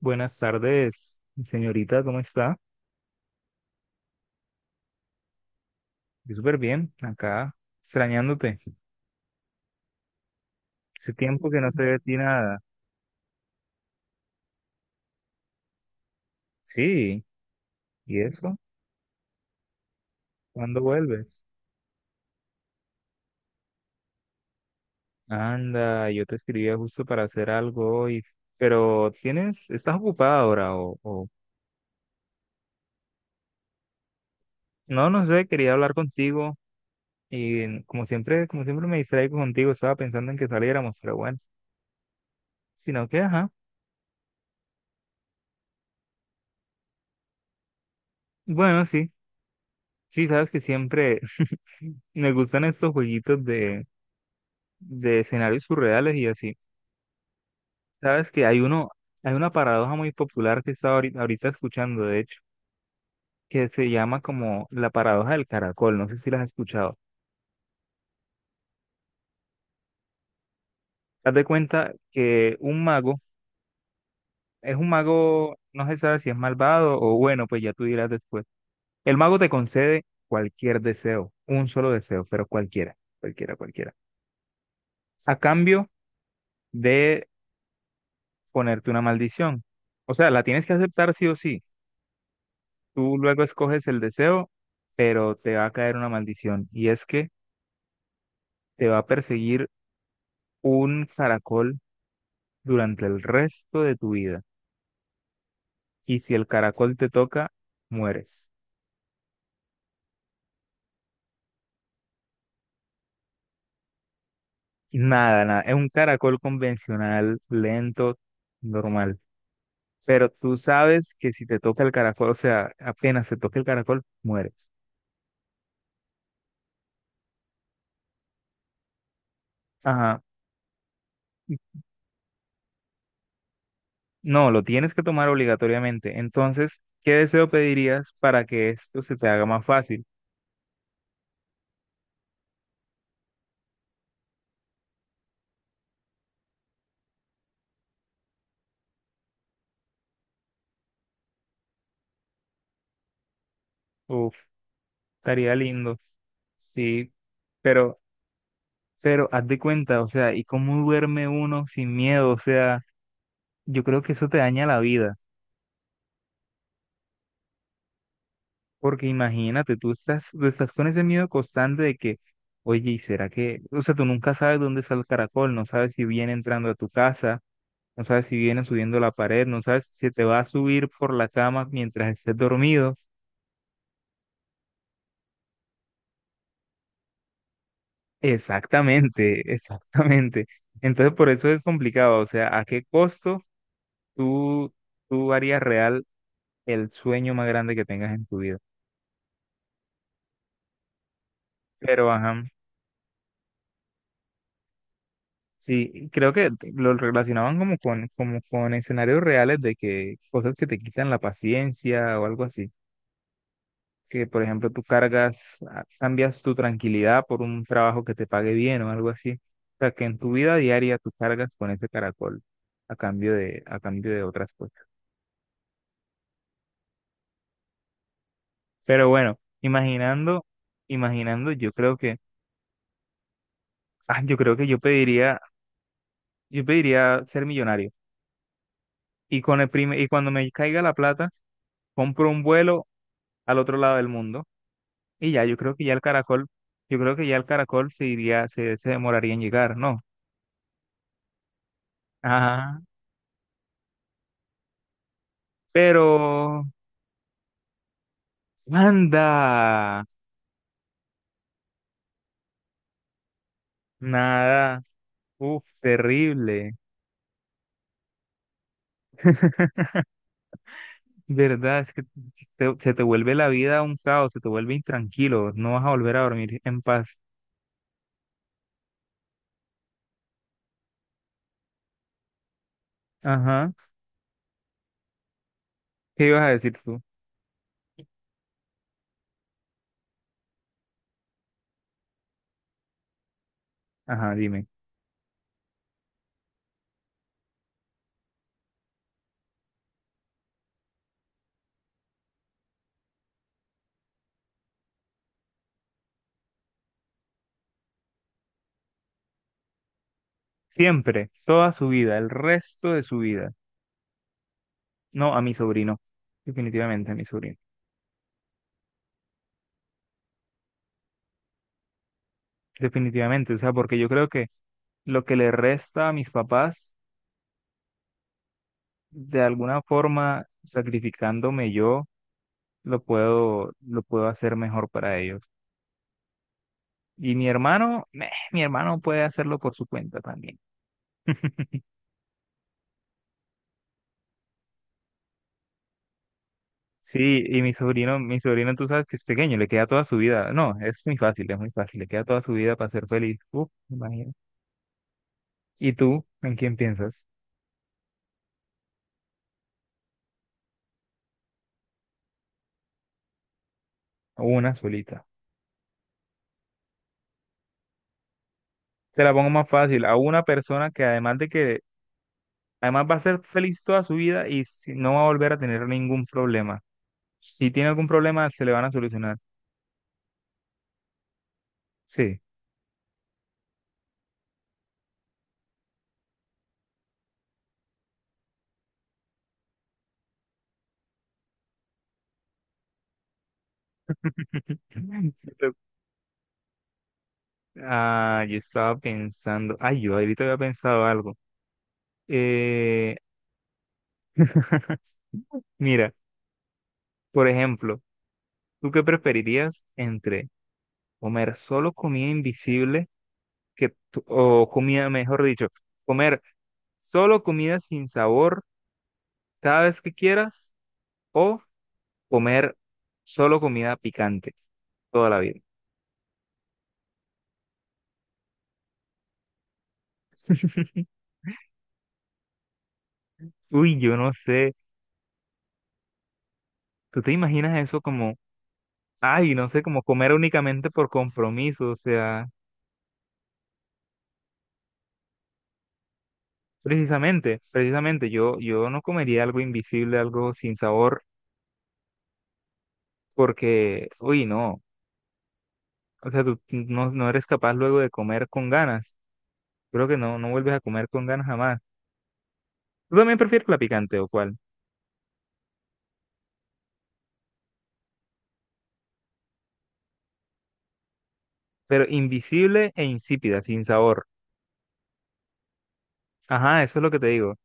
Buenas tardes, señorita, ¿cómo está? Yo súper bien, acá, extrañándote. Hace tiempo que no sé de ti nada. Sí, ¿y eso? ¿Cuándo vuelves? Anda, yo te escribía justo para hacer algo hoy, pero tienes, estás ocupada ahora o No, no sé, quería hablar contigo y como siempre me distraigo contigo, estaba pensando en que saliéramos, pero bueno, sino que, ajá, bueno, sí, sí, sabes que siempre me gustan estos jueguitos de escenarios surreales y así. Sabes que hay uno, hay una paradoja muy popular que estaba ahorita escuchando, de hecho, que se llama como la paradoja del caracol. No sé si la has escuchado. Haz de cuenta que un mago es un mago, no se sabe si es malvado o bueno, pues ya tú dirás después. El mago te concede cualquier deseo, un solo deseo, pero cualquiera, cualquiera, cualquiera, a cambio de ponerte una maldición. O sea, la tienes que aceptar sí o sí. Tú luego escoges el deseo, pero te va a caer una maldición y es que te va a perseguir un caracol durante el resto de tu vida. Y si el caracol te toca, mueres. Nada, nada. Es un caracol convencional, lento, normal. Pero tú sabes que si te toca el caracol, o sea, apenas te toca el caracol, mueres. Ajá. No, lo tienes que tomar obligatoriamente. Entonces, ¿qué deseo pedirías para que esto se te haga más fácil? Uf. Estaría lindo, sí, pero, pero haz de cuenta, o sea, ¿y cómo duerme uno sin miedo? O sea, yo creo que eso te daña la vida, porque imagínate, tú estás con ese miedo constante de que, oye, ¿y será que, o sea, tú nunca sabes dónde está el caracol, no sabes si viene entrando a tu casa, no sabes si viene subiendo la pared, no sabes si te va a subir por la cama mientras estés dormido? Exactamente, exactamente. Entonces, por eso es complicado, o sea, ¿a qué costo? Tú, tú harías real el sueño más grande que tengas en tu vida. Pero, ajá, sí, creo que lo relacionaban como con escenarios reales de que cosas que te quitan la paciencia o algo así. Que, por ejemplo, tú cargas, ah, cambias tu tranquilidad por un trabajo que te pague bien o algo así. O sea, que en tu vida diaria tú cargas con ese caracol a cambio de otras cosas. Pero bueno, imaginando, imaginando, yo creo que, ah, yo creo que yo pediría. Yo pediría ser millonario. Y con el prime- y cuando me caiga la plata, compro un vuelo al otro lado del mundo. Y ya, yo creo que ya el caracol, yo creo que ya el caracol se iría, se demoraría en llegar, ¿no? Ajá. Pero, anda, nada. Uf, terrible. ¿Verdad? Es que te- se te vuelve la vida un caos, se te vuelve intranquilo, no vas a volver a dormir en paz. Ajá. ¿Qué ibas a decir tú? Ajá, dime. Siempre, toda su vida, el resto de su vida. No, a mi sobrino, definitivamente a mi sobrino, definitivamente, o sea, porque yo creo que lo que le resta a mis papás, de alguna forma, sacrificándome yo, lo puedo hacer mejor para ellos. Y mi hermano, meh, mi hermano puede hacerlo por su cuenta también. Sí, y mi sobrino, tú sabes que es pequeño, le queda toda su vida. No, es muy fácil, le queda toda su vida para ser feliz. Uf, me imagino. ¿Y tú, en quién piensas? Una solita. Te la pongo más fácil, a una persona que además de que. Además va a ser feliz toda su vida y si- no va a volver a tener ningún problema. Si tiene algún problema, se le van a solucionar. Sí. Sí, lo- Ah, yo estaba pensando, ay, yo ahorita había pensado algo. Eh, mira, por ejemplo, ¿tú qué preferirías entre comer solo comida invisible que, tú- o comida, mejor dicho, comer solo comida sin sabor cada vez que quieras o comer solo comida picante toda la vida? Uy, yo no sé. ¿Tú te imaginas eso como, ay, no sé, como comer únicamente por compromiso? O sea, precisamente, precisamente, yo no comería algo invisible, algo sin sabor, porque, uy, no. O sea, tú no, no eres capaz luego de comer con ganas. Creo que no, no vuelves a comer con ganas jamás. ¿Tú también prefieres la picante o cuál? Pero invisible e insípida, sin sabor. Ajá, eso es lo que te digo.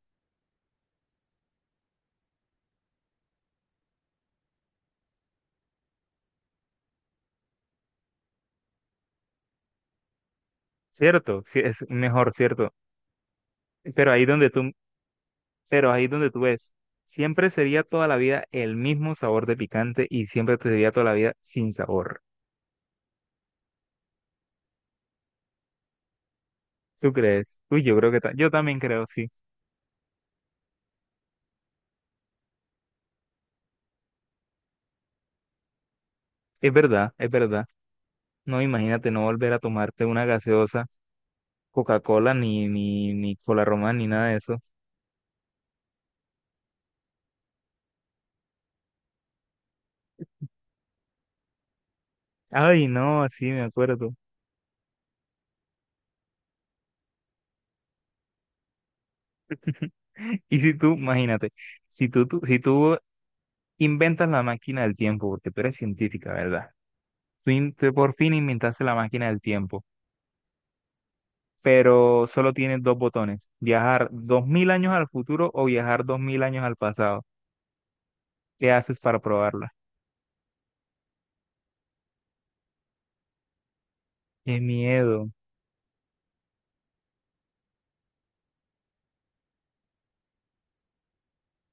Cierto, sí, es mejor, cierto. Pero ahí donde tú, pero ahí es donde tú ves, siempre sería toda la vida el mismo sabor de picante y siempre te sería toda la vida sin sabor. ¿Tú crees? Uy, yo creo que ta- yo también creo, sí. Es verdad, es verdad. No, imagínate no volver a tomarte una gaseosa, Coca-Cola, ni, ni, ni Cola Román, ni nada de eso. Ay, no, sí, me acuerdo. Y si tú, imagínate, si tú, tú- si tú inventas la máquina del tiempo, porque tú eres científica, ¿verdad? Tú in- tú por fin inventaste la máquina del tiempo. Pero solo tienes dos botones, viajar 2000 años al futuro o viajar 2000 años al pasado. ¿Qué haces para probarla? Qué miedo.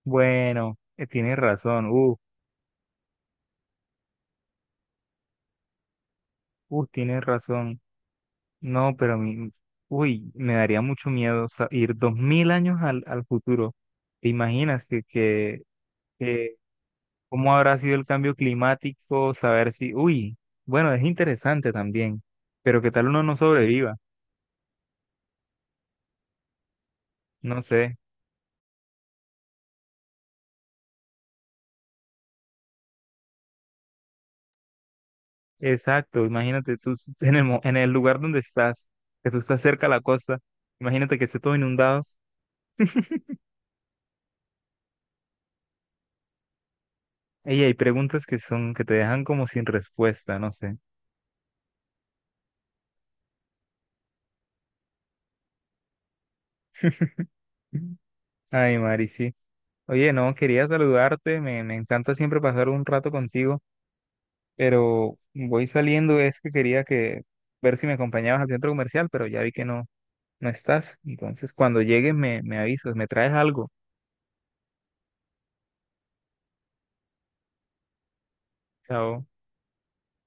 Bueno, tienes razón. Tienes razón. No, pero mi, uy, me daría mucho miedo sa- ir 2000 años al, al futuro. ¿Te imaginas que cómo habrá sido el cambio climático? Saber si, uy, bueno, es interesante también, pero qué tal uno no sobreviva. No sé. Exacto, imagínate tú en el, mo- en el lugar donde estás, que tú estás cerca a la costa, imagínate que esté todo inundado. Ey, hay preguntas que son, que te dejan como sin respuesta, no sé. Ay, Mari, sí. Oye, no, quería saludarte, me encanta siempre pasar un rato contigo, pero voy saliendo, es que quería que ver si me acompañabas al centro comercial, pero ya vi que no, no estás. Entonces, cuando llegues me avisas, me traes algo. Chao.